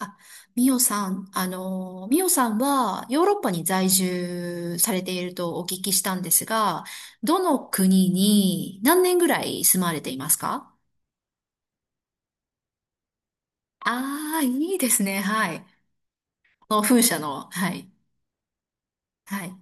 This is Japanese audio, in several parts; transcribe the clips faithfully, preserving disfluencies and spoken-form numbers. あ、ミオさん、あの、ミオさんはヨーロッパに在住されているとお聞きしたんですが、どの国に何年ぐらい住まれていますか？ああー、いいですね。はい。この風車の、はい。はい。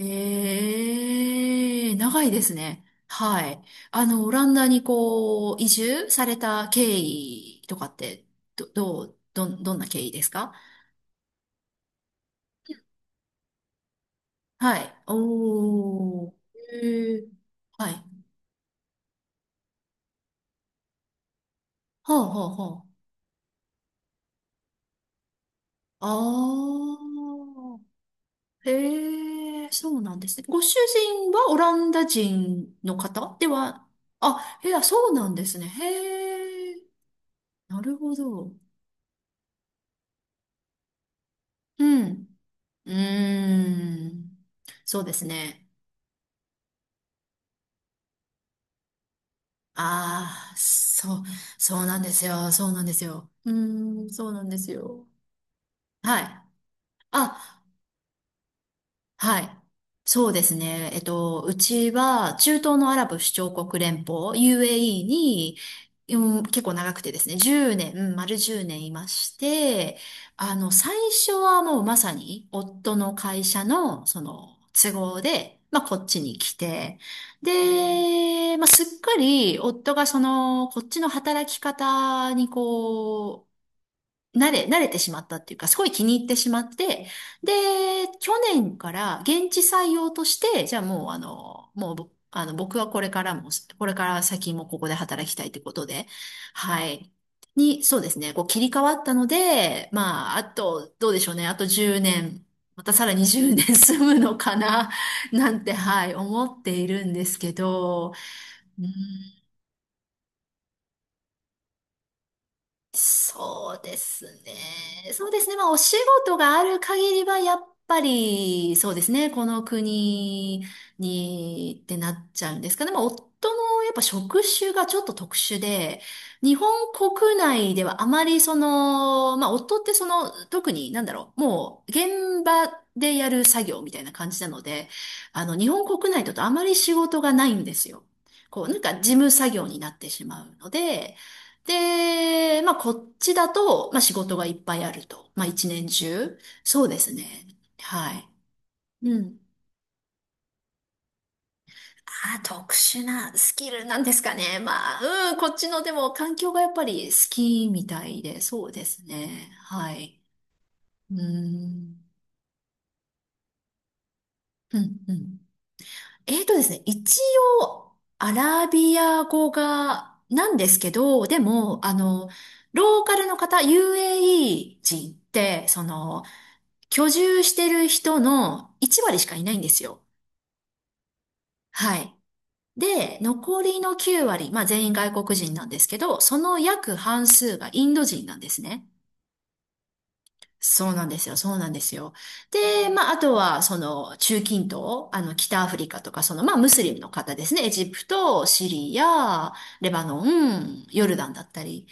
ええ、長いですね。はい。あの、オランダにこう、移住された経緯とかって、ど、どう、どん、どんな経緯ですか？はい。おー。えーはい。はあ、はあ、はあ。ああ。へえ、そうなんですね。ご主人はオランダ人の方では？あ、へえ、そうなんですね。へえ、なるほど。うん。うーん。そうですね。ああ、そう、そうなんですよ。そうなんですよ。うーん、そうなんですよ。はい。あ、はい。そうですね。えっと、うちは中東のアラブ首長国連邦 ユーエーイー に、うん、結構長くてですね、じゅうねん、うん丸じゅうねんいまして、あの、最初はもうまさに夫の会社のその都合で、まあこっちに来て、で、まあすっかり夫がそのこっちの働き方にこう、慣れ、慣れてしまったっていうか、すごい気に入ってしまって、で、去年から現地採用として、じゃあもうあの、もうぼ、あの、僕はこれからも、これから先もここで働きたいってことで、はい。に、そうですね、こう切り替わったので、まあ、あと、どうでしょうね、あとじゅうねん、またさらにじゅうねん 住むのかな、なんて、はい、思っているんですけど、うんそうですね。そうですね。まあ、お仕事がある限りは、やっぱり、そうですね。この国に、ってなっちゃうんですかね。まあ、夫の、やっぱ職種がちょっと特殊で、日本国内ではあまり、その、まあ、夫ってその、特に、なんだろう、もう、現場でやる作業みたいな感じなので、あの、日本国内だとあまり仕事がないんですよ。こう、なんか事務作業になってしまうので、で、まあ、こっちだと、まあ、仕事がいっぱいあると。まあ、一年中。そうですね。はい。うん。ああ、特殊なスキルなんですかね。まあ、うん、こっちのでも環境がやっぱり好きみたいで、そうですね。はい。うん。うん、うん。えーとですね、一応、アラビア語が、なんですけど、でも、あの、ローカルの方、ユーエーイー 人って、その、居住してる人のいち割しかいないんですよ。はい。で、残りのきゅう割、まあ全員外国人なんですけど、その約半数がインド人なんですね。そうなんですよ。そうなんですよ。で、まあ、あとは、その、中近東、あの、北アフリカとか、その、まあ、ムスリムの方ですね。エジプト、シリア、レバノン、ヨルダンだったり。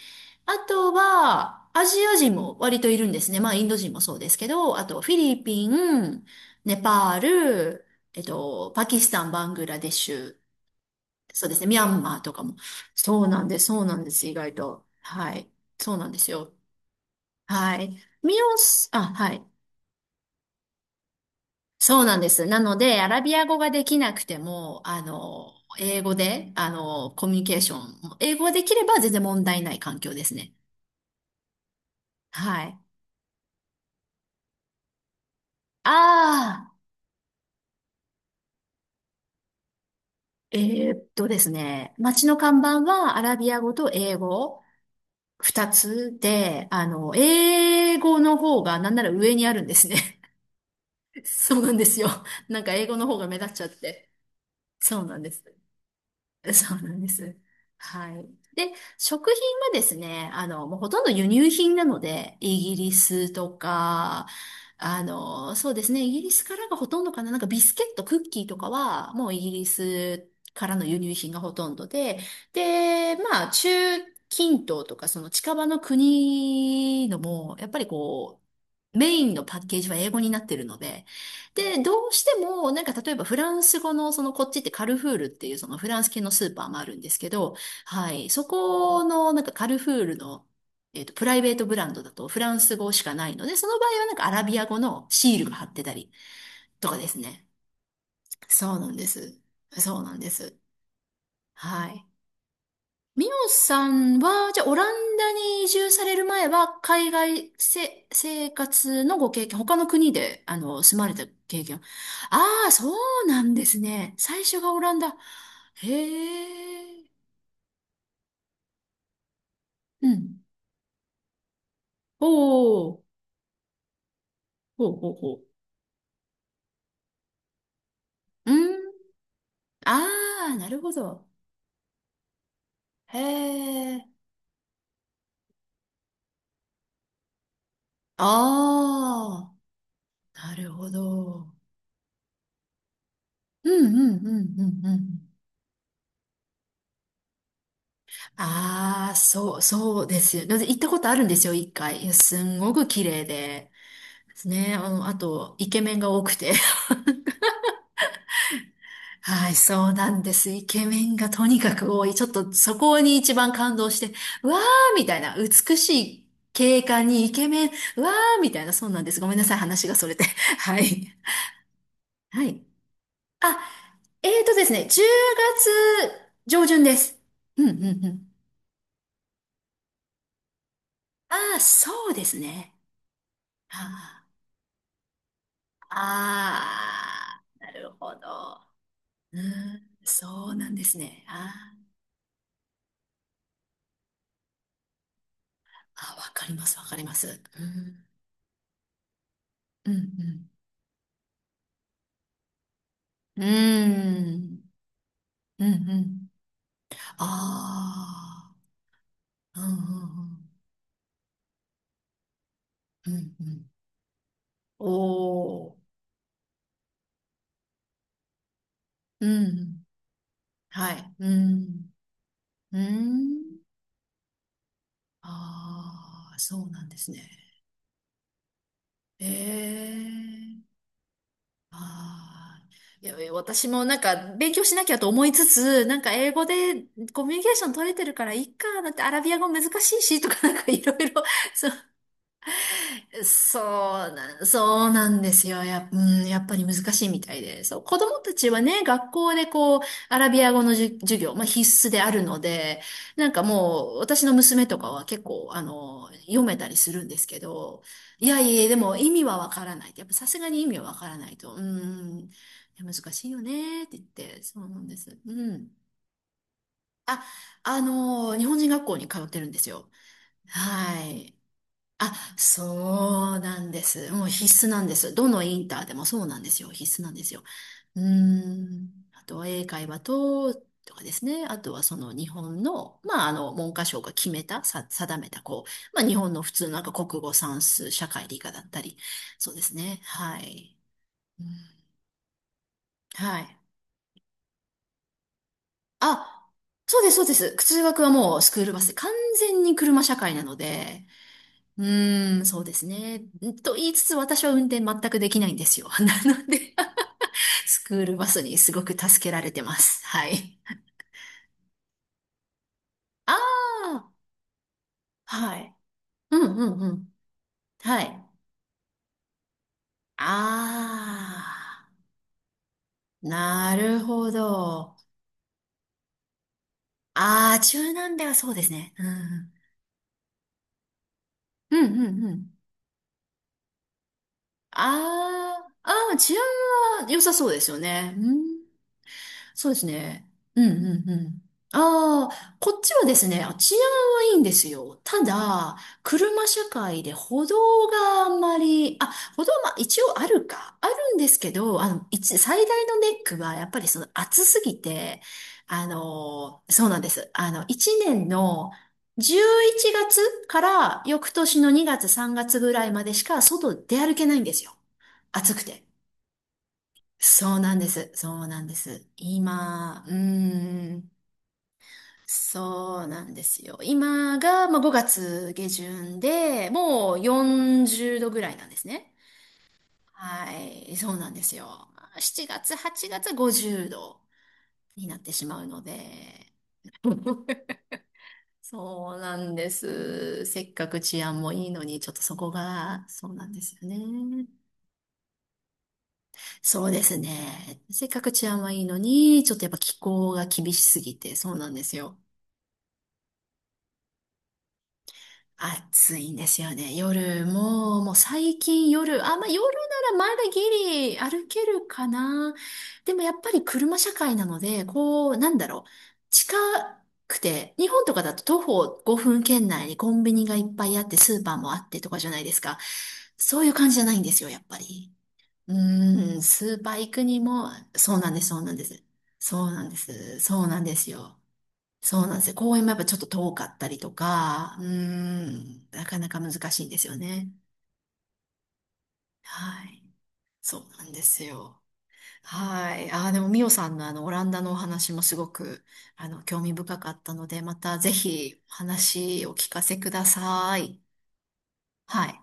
あとは、アジア人も割といるんですね。まあ、インド人もそうですけど、あと、フィリピン、ネパール、えっと、パキスタン、バングラデシュ、そうですね、ミャンマーとかも。そうなんです、そうなんです、意外と。はい。そうなんですよ。はい。ミオス、あ、はい。そうなんです。なので、アラビア語ができなくても、あの、英語で、あの、コミュニケーション、英語ができれば全然問題ない環境ですね。はい。ああ、えーっとですね、街の看板はアラビア語と英語二つで、あの、英語の方がなんなら上にあるんですね。そうなんですよ。なんか英語の方が目立っちゃって。そうなんです。そうなんです。はい。で、食品はですね、あの、もうほとんど輸入品なので、イギリスとか、あの、そうですね、イギリスからがほとんどかな、なんかビスケット、クッキーとかは、もうイギリスからの輸入品がほとんどで、で、まあ、中近東とか、その近場の国のも、やっぱりこう、メインのパッケージは英語になってるので、で、どうしても、なんか例えばフランス語の、そのこっちってカルフールっていうそのフランス系のスーパーもあるんですけど、はい、そこのなんかカルフールの、えっと、プライベートブランドだとフランス語しかないので、その場合はなんかアラビア語のシールが貼ってたりとかですね。そうなんです。そうなんです。はい。ミオさんは、じゃあ、オランダに移住される前は、海外せ、生活のご経験、他の国で、あの、住まれた経験。ああ、そうなんですね。最初がオランダ。へえ。うん。おお、ほうほうほう。うん。ああ、なるほど。へえ。ああ、なるほど。うんうんうんうんうん。ああ、そう、そうですよ。で行ったことあるんですよ、いっかい。いやすんごく綺麗で。ですね。あの、あと、イケメンが多くて。はい、そうなんです。イケメンがとにかく多い。ちょっとそこに一番感動して、うわーみたいな、美しい景観にイケメン、うわーみたいな、そうなんです。ごめんなさい、話がそれて。はい。はい。あ、えーとですね、じゅうがつ上旬です。うん、うん、うん。ああ、そうですね。あーああ、なるほど。うん、そうなんですね。あーあ、わかります、わかります。うん、うん、うん。うん、うん、うん。ああ、うん、うん、うん、うんうん。おお、うん、はい、うん、うん。ああ、そうなんですね。ええああ、いや、いや私もなんか勉強しなきゃと思いつつ、なんか英語でコミュニケーション取れてるからいいか、だってアラビア語難しいしとかなんかいろいろ、そう、そうな、そうなんですよ。や、うん、やっぱり難しいみたいで。そう、子供たちはね、学校でこう、アラビア語のじゅ授業、まあ必須であるので、なんかもう、私の娘とかは結構、あの、読めたりするんですけど、いやいや、でも意味はわからないって。やっぱさすがに意味はわからないと、うん、難しいよねって言って、そうなんです。うん。あ、あの、日本人学校に通ってるんですよ。はい。あ、そうなんです。もう必須なんです。どのインターでもそうなんですよ。必須なんですよ。うーん。あとは英会話と、とかですね。あとはその日本の、まあ、あの、文科省が決めた、さ、定めた、こう、まあ、日本の普通のなんか国語、算数、社会、理科だったり。そうですね。はい。うんはい。あ、そうです、そうです。通学はもうスクールバスで、完全に車社会なので、うーん、そうですね。と言いつつ私は運転全くできないんですよ。なので、スクールバスにすごく助けられてます。はい。ああ、はい。うんうんうん。はい。ああ、なるほど。ああ、中南米はそうですね。うん。うんうんうん。ああ、ああ、治安は良さそうですよね。うんそうですね。うんうんうん。ああ、こっちはですね、あ治安はいいんですよ。ただ、車社会で歩道があんまり、あ、歩道は一応あるか、あるんですけど、あの、一、最大のネックはやっぱりその暑すぎて、あの、そうなんです。あの、いちねんのじゅういちがつから翌年のにがつさんがつぐらいまでしか外出歩けないんですよ。暑くて。そうなんです。そうなんです。今、うーん、そうなんですよ。今が、まあ、ごがつ下旬で、もうよんじゅうどぐらいなんですね。はい、そうなんですよ。ましちがつ、はちがつはごじゅうどになってしまうので。そうなんです。せっかく治安もいいのに、ちょっとそこが、そうなんですよね。そうですね。せっかく治安はいいのに、ちょっとやっぱ気候が厳しすぎて、そうなんですよ。暑いんですよね。夜、もう、もう最近夜、あ、まあ夜ならまだギリ歩けるかな。でもやっぱり車社会なので、こう、なんだろう。近くて、日本とかだと徒歩ごふん圏内にコンビニがいっぱいあって、スーパーもあってとかじゃないですか。そういう感じじゃないんですよ、やっぱり。うーん、スーパー行くにも、そうなんです、そうなんです。そうなんです、そうなんですよ。そうなんですよ。公園もやっぱちょっと遠かったりとか、うーん、なかなか難しいんですよね。はい。そうなんですよ。はい。あー、でもミオさんのあの、オランダのお話もすごく、あの、興味深かったので、またぜひお話を聞かせください。はい。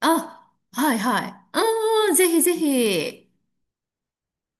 あ、はいはい。うーん、ぜひぜひ。